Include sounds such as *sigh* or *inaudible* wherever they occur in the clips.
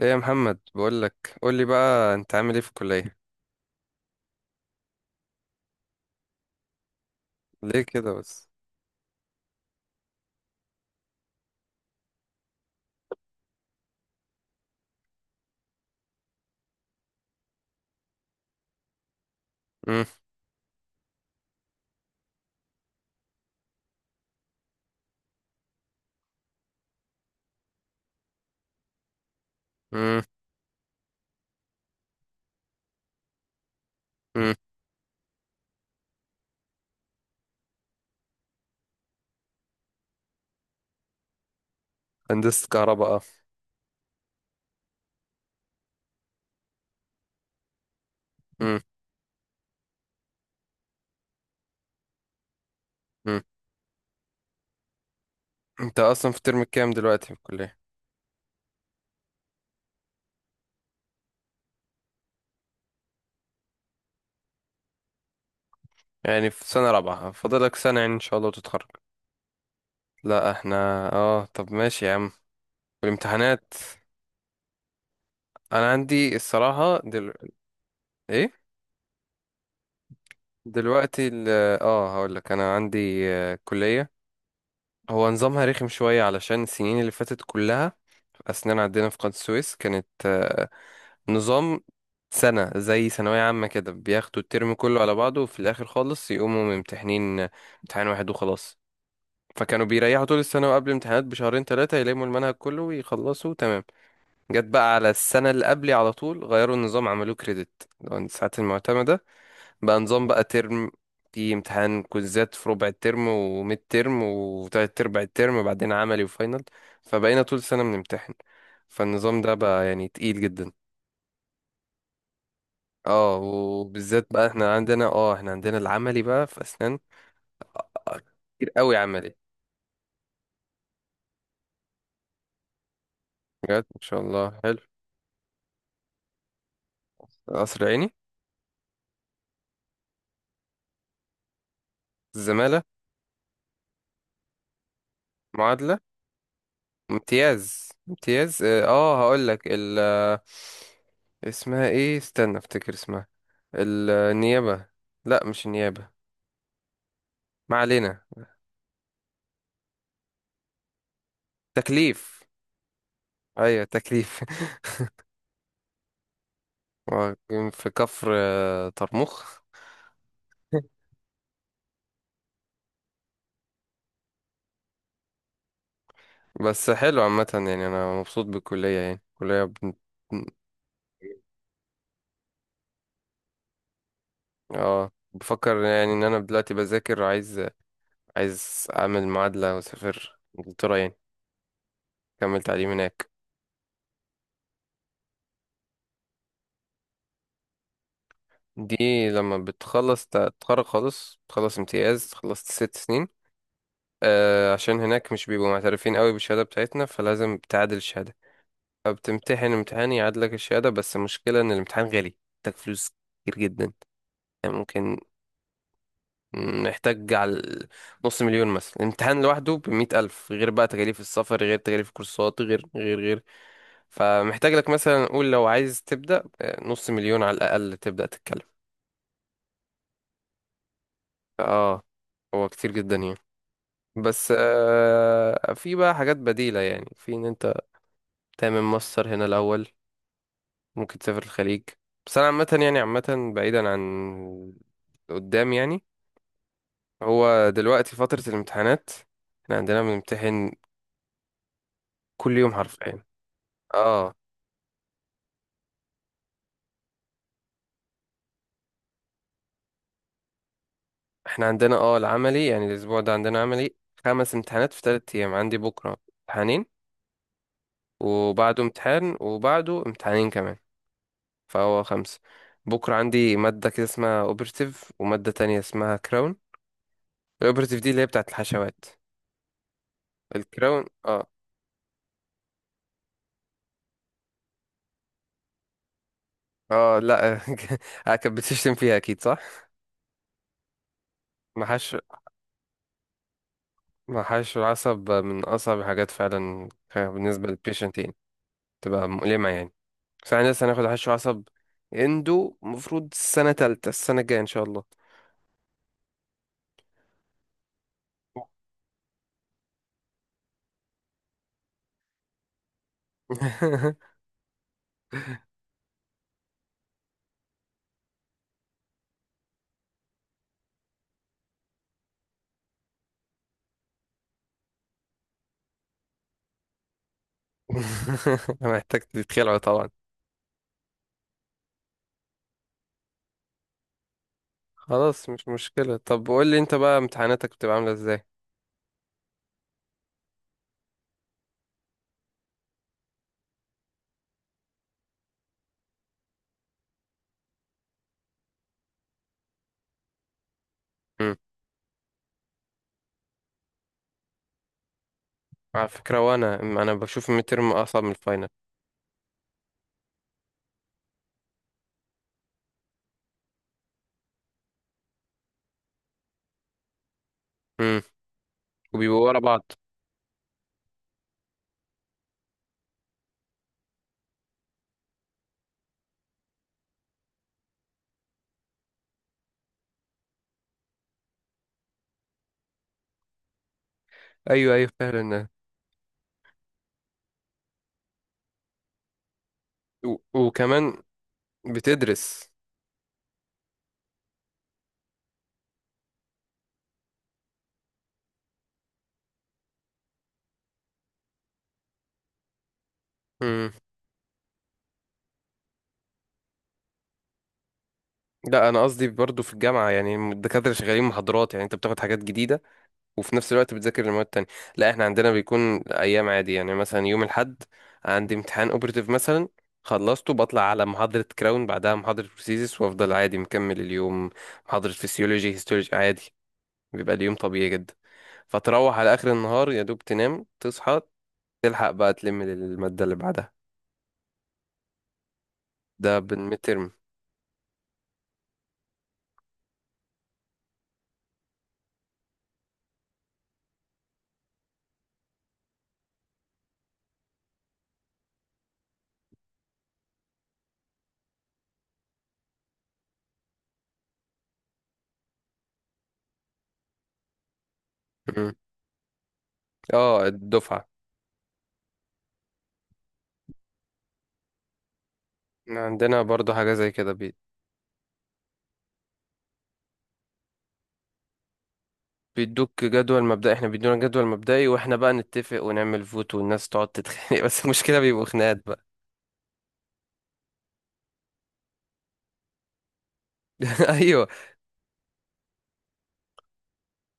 ايه يا محمد، بقول لك قول لي بقى، انت عامل ايه في الكليه؟ ليه كده بس؟ امم. امم. امم. هندسه كهرباء اه. امم. امم. انت اصلا في الترم الكام دلوقتي في الكليه؟ يعني في سنه رابعه، فاضلك سنه يعني ان شاء الله وتتخرج. لا احنا. اه، طب ماشي يا عم. والامتحانات؟ انا عندي الصراحه ايه، دلوقتي اه، هقول لك انا عندي كليه. هو نظامها رخم شويه علشان السنين اللي فاتت كلها اسنان، عندنا في قناة السويس كانت نظام سنة زي ثانوية عامة، كده بياخدوا الترم كله على بعضه وفي الآخر خالص يقوموا ممتحنين امتحان واحد وخلاص. فكانوا بيريحوا طول السنة، وقبل امتحانات بشهرين ثلاثة يلموا المنهج كله ويخلصوا تمام. جت بقى على السنة اللي قبلي، على طول غيروا النظام، عملوه كريدت الساعات المعتمدة، بقى نظام بقى ترم، في امتحان كوزات في ربع الترم وميد ترم وتلات أرباع الترم، بعدين عملي وفاينل. فبقينا طول السنة بنمتحن، فالنظام ده بقى يعني تقيل جدا. اه، وبالذات بقى احنا عندنا العملي بقى في اسنان. آه، كتير قوي عملي. بجد ما شاء الله، حلو. قصر عيني. الزمالة. معادلة. امتياز، امتياز اه. هقول لك ال آه، اسمها ايه؟ استنى افتكر اسمها النيابة. لا مش النيابة، ما علينا. تكليف. ايوه تكليف. *laughs* هو كان في كفر طرمخ. *laughs* بس حلو عامة، يعني انا مبسوط بالكلية يعني. الكلية، اه بفكر يعني ان انا دلوقتي بذاكر، عايز اعمل معادلة واسافر انجلترا يعني، اكمل تعليم هناك. دي لما بتخلص تتخرج خالص، تخلص امتياز، خلصت ست سنين، آه عشان هناك مش بيبقوا معترفين قوي بالشهادة بتاعتنا، فلازم تعادل الشهادة. فبتمتحن امتحان يعادلك الشهادة، بس المشكلة ان الامتحان غالي، محتاج فلوس كتير جدا. يعني ممكن محتاج على نص مليون مثلا، الامتحان لوحده بمية ألف، غير بقى تكاليف السفر، غير تكاليف الكورسات، غير غير غير. فمحتاج لك مثلا، نقول لو عايز تبدأ، نص مليون على الأقل تبدأ تتكلم. اه، هو كتير جدا يعني. بس في بقى حاجات بديلة، يعني في ان انت تعمل ماستر هنا الأول، ممكن تسافر الخليج. بس انا عامة يعني، عامة بعيدا عن قدام يعني. هو دلوقتي فترة الامتحانات، احنا عندنا بنمتحن كل يوم حرفيا. اه، احنا عندنا العملي، يعني الاسبوع ده عندنا عملي. خمس امتحانات في ثلاث ايام، عندي بكرة امتحانين، وبعده امتحان، وبعده امتحانين كمان. فهو خمسة. بكرة عندي مادة كده اسمها اوبرتيف، ومادة تانية اسمها كراون. الاوبرتيف دي اللي هي بتاعت الحشوات. الكراون اه. اه، لا. *laughs* كانت بتشتم فيها اكيد، صح. محاش، محاش العصب من اصعب الحاجات فعلا. بالنسبة للبيشنتين، تبقى مؤلمة يعني. بس انا لسه هناخد حشو عصب اندو، المفروض السنة تالتة السنة الجاية ان شاء الله. *laughs* *laughs* محتاج تتخلعوا طبعا. خلاص مش مشكلة. طب قول لي انت بقى، امتحاناتك بتبقى عاملة ازاي؟ امم. على فكرة، وانا انا بشوف الميد ترم اصعب من الفاينل. امم. وبيبقوا ورا بعض. ايوه ايوه، فعلا. وكمان بتدرس. امم. لا انا قصدي برضو في الجامعة يعني، الدكاترة شغالين محاضرات، يعني انت بتاخد حاجات جديدة وفي نفس الوقت بتذاكر المواد التانية. لا احنا عندنا بيكون ايام عادي يعني. مثلا يوم الاحد عندي امتحان اوبرتيف مثلا، خلصته بطلع على محاضرة كراون، بعدها محاضرة بروسيسس، وافضل عادي مكمل اليوم، محاضرة فسيولوجي، هيستولوجي عادي، بيبقى اليوم طبيعي جدا. فتروح على اخر النهار يا دوب تنام تصحى تلحق بقى تلم المادة اللي بعدها. ده بالمترم. اه الدفعة. عندنا برضو حاجة زي كده، بيدوك جدول مبدئي، احنا بيدونا جدول مبدئي واحنا بقى نتفق ونعمل فوت، والناس تقعد تتخانق. *laughs* بس المشكلة بيبقوا خناقات بقى. *laughs* ايوه.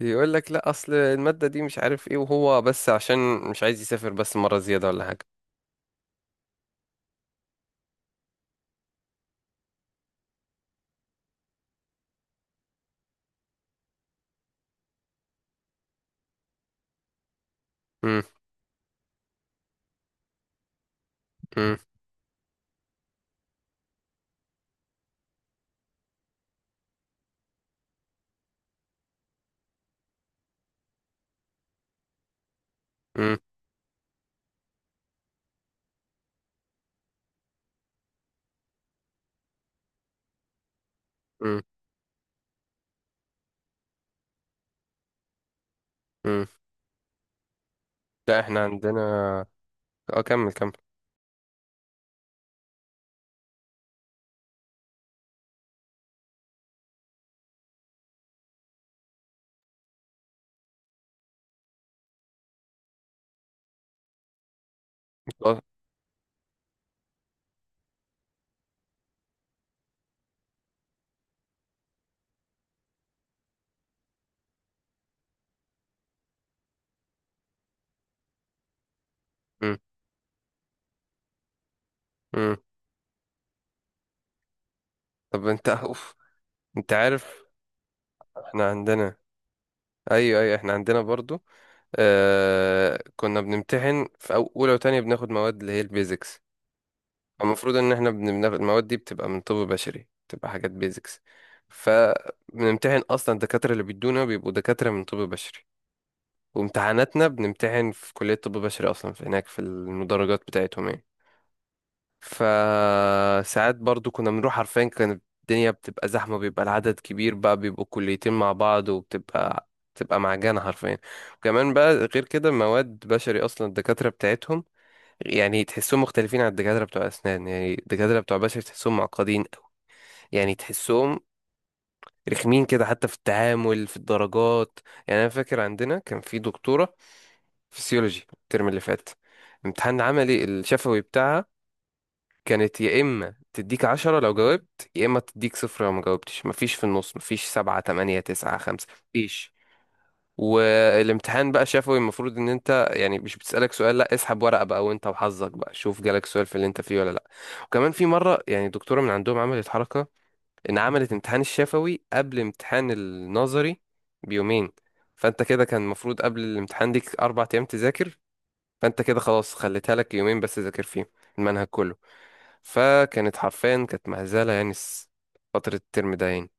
يقول لك لا، اصل المادة دي مش عارف ايه، وهو بس عشان مش عايز يسافر بس مرة زيادة ولا حاجة. امم. امم. امم. امم. امم. لا احنا عندنا، اه كمل كمل. اه. امم. امم. طب انت، *laughs* اوف. انت عارف احنا عندنا. ايوه ايوه احنا عندنا برضو آه، كنا بنمتحن اولى وتانية بناخد مواد اللي هي البيزكس. المفروض ان احنا بناخد المواد دي، بتبقى من طب بشري، بتبقى حاجات بيزكس. فبنمتحن اصلا، الدكاتره اللي بيدونا بيبقوا دكاتره من طب بشري، وامتحاناتنا بنمتحن في كليه طب بشري اصلا، في هناك في المدرجات بتاعتهم يعني. فساعات برضو كنا بنروح عارفين كانت الدنيا بتبقى زحمه، بيبقى العدد كبير بقى، بيبقوا كليتين مع بعض، وبتبقى معجنه حرفيا. وكمان بقى غير كده مواد بشري، اصلا الدكاتره بتاعتهم يعني تحسهم مختلفين عن الدكاترة بتوع أسنان. يعني الدكاترة بتوع بشر تحسهم معقدين أوي، يعني تحسهم رخمين كده حتى في التعامل في الدرجات. يعني أنا فاكر عندنا كان في دكتورة فسيولوجي الترم اللي فات، امتحان عملي الشفوي بتاعها كانت يا إما تديك عشرة لو جاوبت، يا إما تديك صفر لو ما جاوبتش، مفيش في النص، مفيش سبعة تمانية تسعة خمسة، مفيش. والامتحان بقى شفوي، المفروض ان انت يعني مش بتسألك سؤال، لا اسحب ورقة بقى وانت وحظك، بقى شوف جالك سؤال في اللي انت فيه ولا لا. وكمان في مرة يعني دكتورة من عندهم عملت حركة، ان عملت امتحان الشفوي قبل امتحان النظري بيومين. فانت كده كان المفروض قبل الامتحان ليك اربع ايام تذاكر، فانت كده خلاص خليتها لك يومين بس ذاكر فيهم المنهج كله. فكانت حرفيا كانت مهزلة يعني. فترة الترم ده يعني،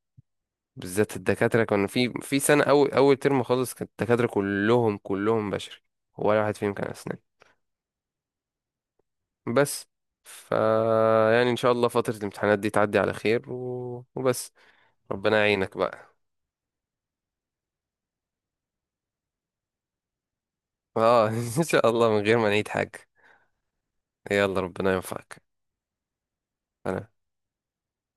بالذات الدكاترة كانوا في سنة أول أول ترم خالص، كانت الدكاترة كلهم كلهم بشري، ولا واحد فيهم كان أسنان. بس ف يعني إن شاء الله فترة الامتحانات دي تعدي على خير، وبس. ربنا يعينك بقى. اه *laughs* إن شاء الله من غير ما نعيد حاجة. يلا ربنا ينفعك. أنا